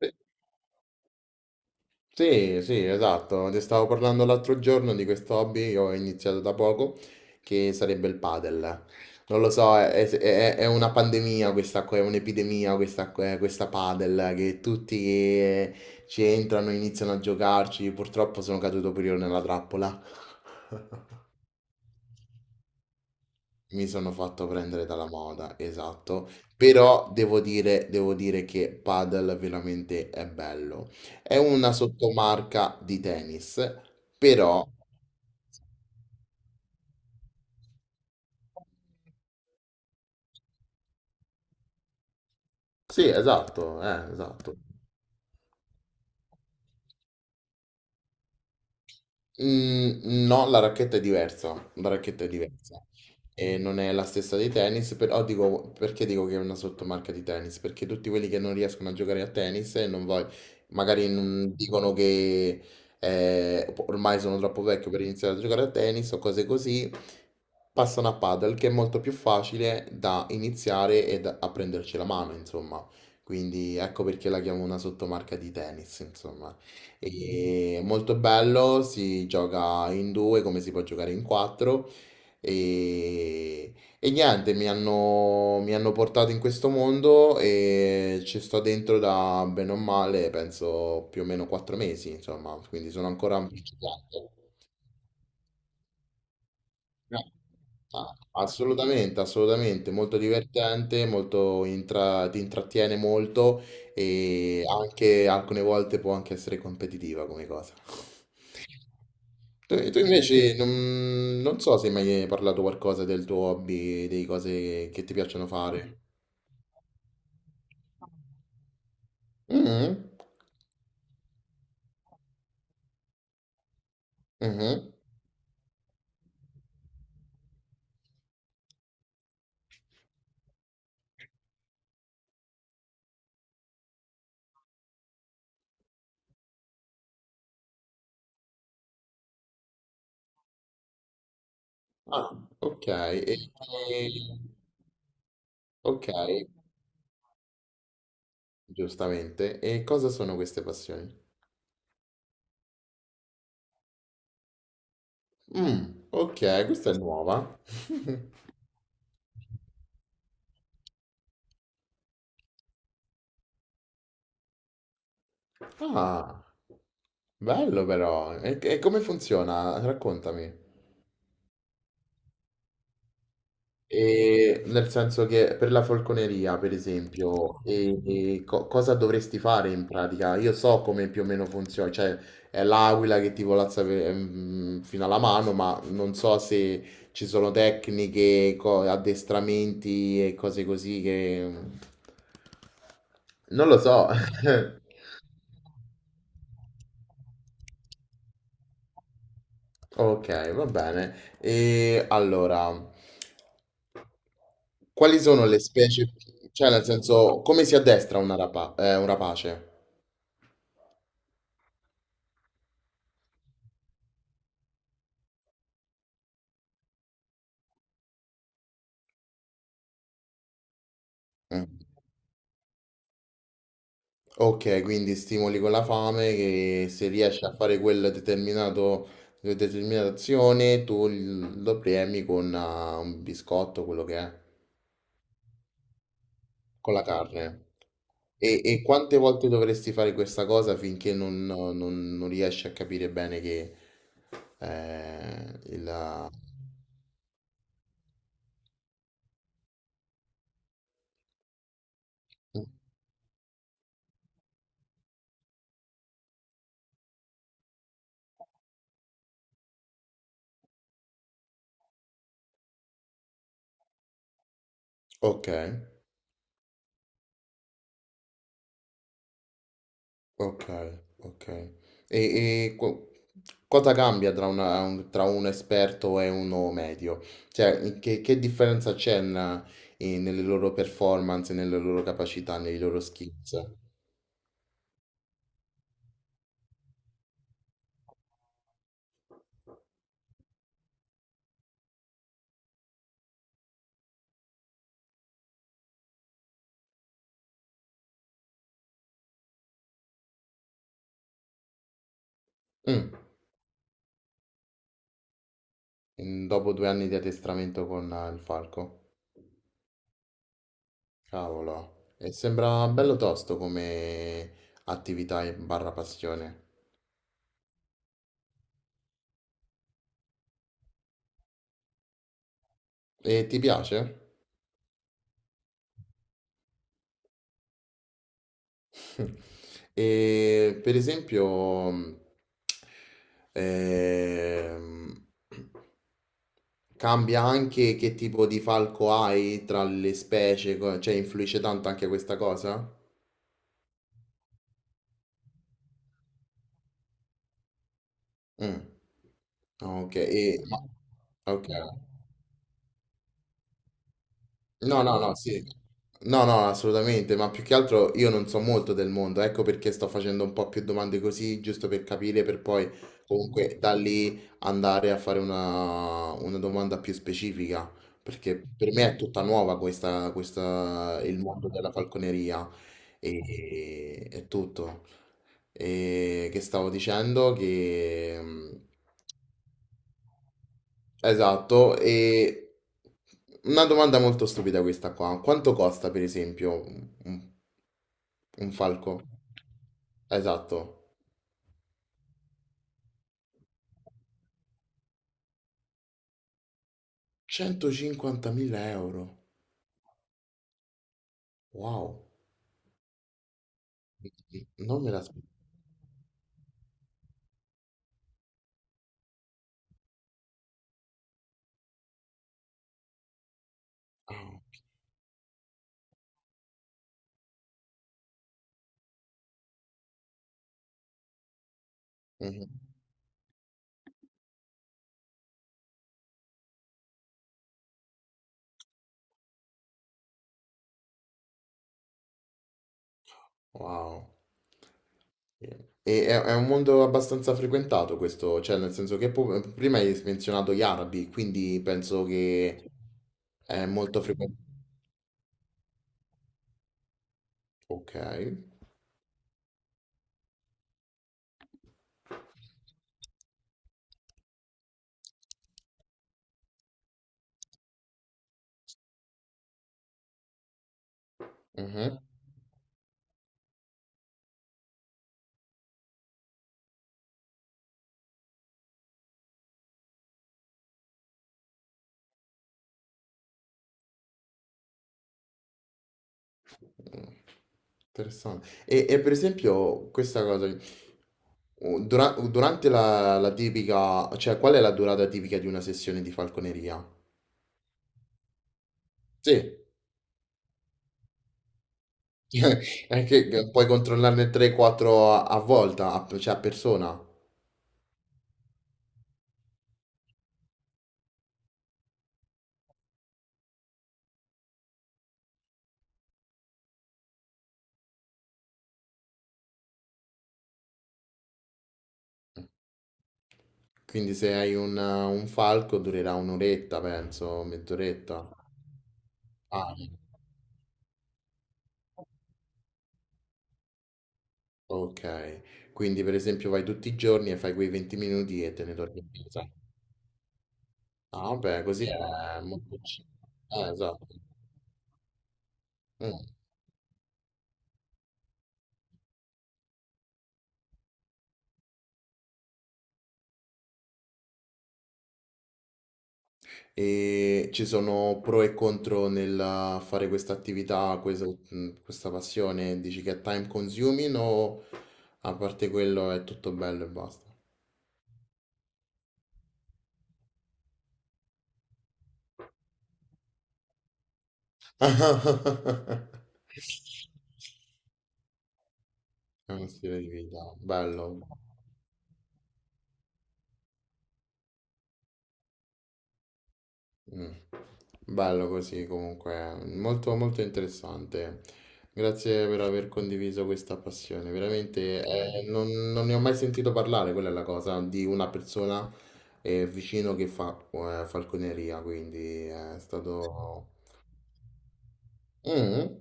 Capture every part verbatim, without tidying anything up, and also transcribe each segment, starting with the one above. Sì, sì, sì, esatto. Ti stavo parlando l'altro giorno di questo hobby che ho iniziato da poco, che sarebbe il padel. Non lo so, è, è- è una pandemia questa qua, è un'epidemia questa, qua- questa padel, che tutti eh, ci entrano, iniziano a giocarci. Purtroppo sono caduto pure io nella trappola. Mi sono fatto prendere dalla moda, esatto, però devo dire, devo dire che padel veramente è bello. È una sottomarca di tennis, però. Sì, esatto, eh, esatto. Mm, no, la racchetta è diversa, la racchetta è diversa e non è la stessa dei tennis, però dico, perché dico che è una sottomarca di tennis? Perché tutti quelli che non riescono a giocare a tennis e non voglio, magari non dicono che eh, ormai sono troppo vecchio per iniziare a giocare a tennis o cose così, passano a paddle che è molto più facile da iniziare e da, a prenderci la mano, insomma. Quindi ecco perché la chiamo una sottomarca di tennis, insomma. E è molto bello, si gioca in due come si può giocare in quattro. E, e niente, mi hanno, mi hanno portato in questo mondo e ci sto dentro da bene o male, penso più o meno quattro mesi, insomma, quindi sono ancora un principiante. No. Ah, assolutamente, assolutamente, molto divertente, molto intra- ti intrattiene molto e anche alcune volte può anche essere competitiva come cosa. Tu, tu invece non, non so se hai mai hai parlato qualcosa del tuo hobby, delle cose che ti piacciono fare. Mhm, mhm. Ah, ok. E, e- ok, giustamente. E cosa sono queste passioni? Mm, ok, questa è nuova. Ah, bello però. E, e come funziona? Raccontami. E nel senso che per la falconeria, per esempio, e- e co- cosa dovresti fare in pratica? Io so come più o meno funziona, cioè è l'aquila che ti volazza pe- mm, fino alla mano, ma non so se ci sono tecniche, co- addestramenti e cose così che. Non lo so. Ok, va bene. E allora, quali sono le specie? Cioè, nel senso, come si addestra una rapa- eh, un rapace? Mm. Ok, quindi stimoli con la fame che se riesci a fare quel determinato, quella determinata azione, tu l- lo premi con ah, un biscotto, quello che è, con la carne. E, e quante volte dovresti fare questa cosa finché non, non- non riesci a capire bene che eh, il ah, Ok. Ok, ok. E, e co- cosa cambia tra, una- un, tra un esperto e uno medio? Cioè, che, che differenza c'è na- eh, nelle loro performance, nelle loro capacità, nei loro skills? Mm, in- dopo due anni di addestramento con eh, il falco? Cavolo, e sembra bello tosto come attività e barra passione. E ti piace? E per esempio, mh, ehm, cambia anche che tipo di falco hai tra le specie, co- cioè influisce tanto anche questa cosa? Mm. Ah, ok, e- ma- ok. No, no, no, sì. No, no, assolutamente, ma più che altro io non so molto del mondo, ecco perché sto facendo un po' più domande così, giusto per capire, per poi comunque da lì andare a fare una, una domanda più specifica, perché per me è tutta nuova questa, questa, il mondo della falconeria e, e tutto. E che stavo dicendo che. Esatto, e una domanda molto stupida questa qua. Quanto costa per esempio un, un- un falco? Esatto, centocinquantamila euro. Wow, non me l'aspettavo. Mhm. Wow. E è, è, un mondo abbastanza frequentato questo, cioè nel senso che pu- prima hai menzionato gli arabi, quindi penso che è molto frequentato. Ok. Mhm. Mm, Interessante. E, e per esempio questa cosa, u- dura- durante la, la tipica, cioè qual è la durata tipica di una sessione di falconeria? Sì, è che puoi controllarne tre quattro a, a volta, a- cioè a persona. Quindi se hai un, un falco durerà un'oretta, penso, mezz'oretta. Ah, ok. Quindi per esempio vai tutti i giorni e fai quei venti minuti e te ne torni a casa. Ah, beh, così è molto. Eh, esatto. Mm. E ci sono pro e contro nel fare questa attività, questa, mm, questa passione? Dici che è time consuming o a parte quello è tutto bello e basta? È uno stile di vita, bello. Mm. Bello così comunque, molto molto interessante. Grazie per aver condiviso questa passione, veramente eh, non, non ne ho mai sentito parlare, quella è la cosa, di una persona eh, vicino che fa eh, falconeria, quindi eh, è stato. Mm.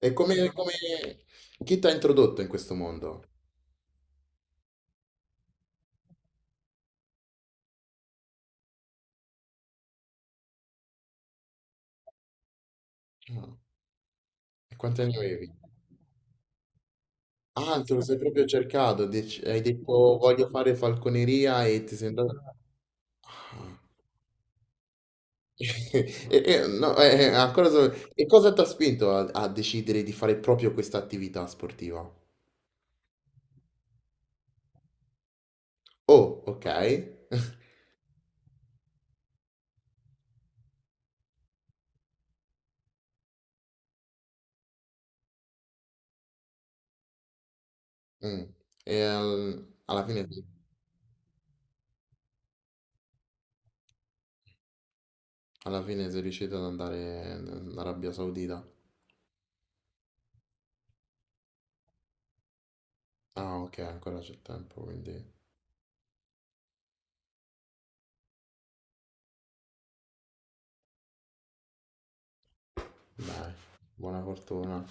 E come, come- chi ti ha introdotto in questo mondo? Ah, e quanti anni avevi? Ah, te lo sei proprio cercato, dec- hai detto voglio fare falconeria e ti sei andato. Ah. E e no, eh, eh, ancora so e cosa t'ha spinto a a decidere di fare proprio questa attività sportiva? Oh, okay. Mh. E al alla fine alla fine sei riuscito ad andare in in Arabia Saudita. Ah, okay, ancora c'è tempo, quindi dai, buona fortuna.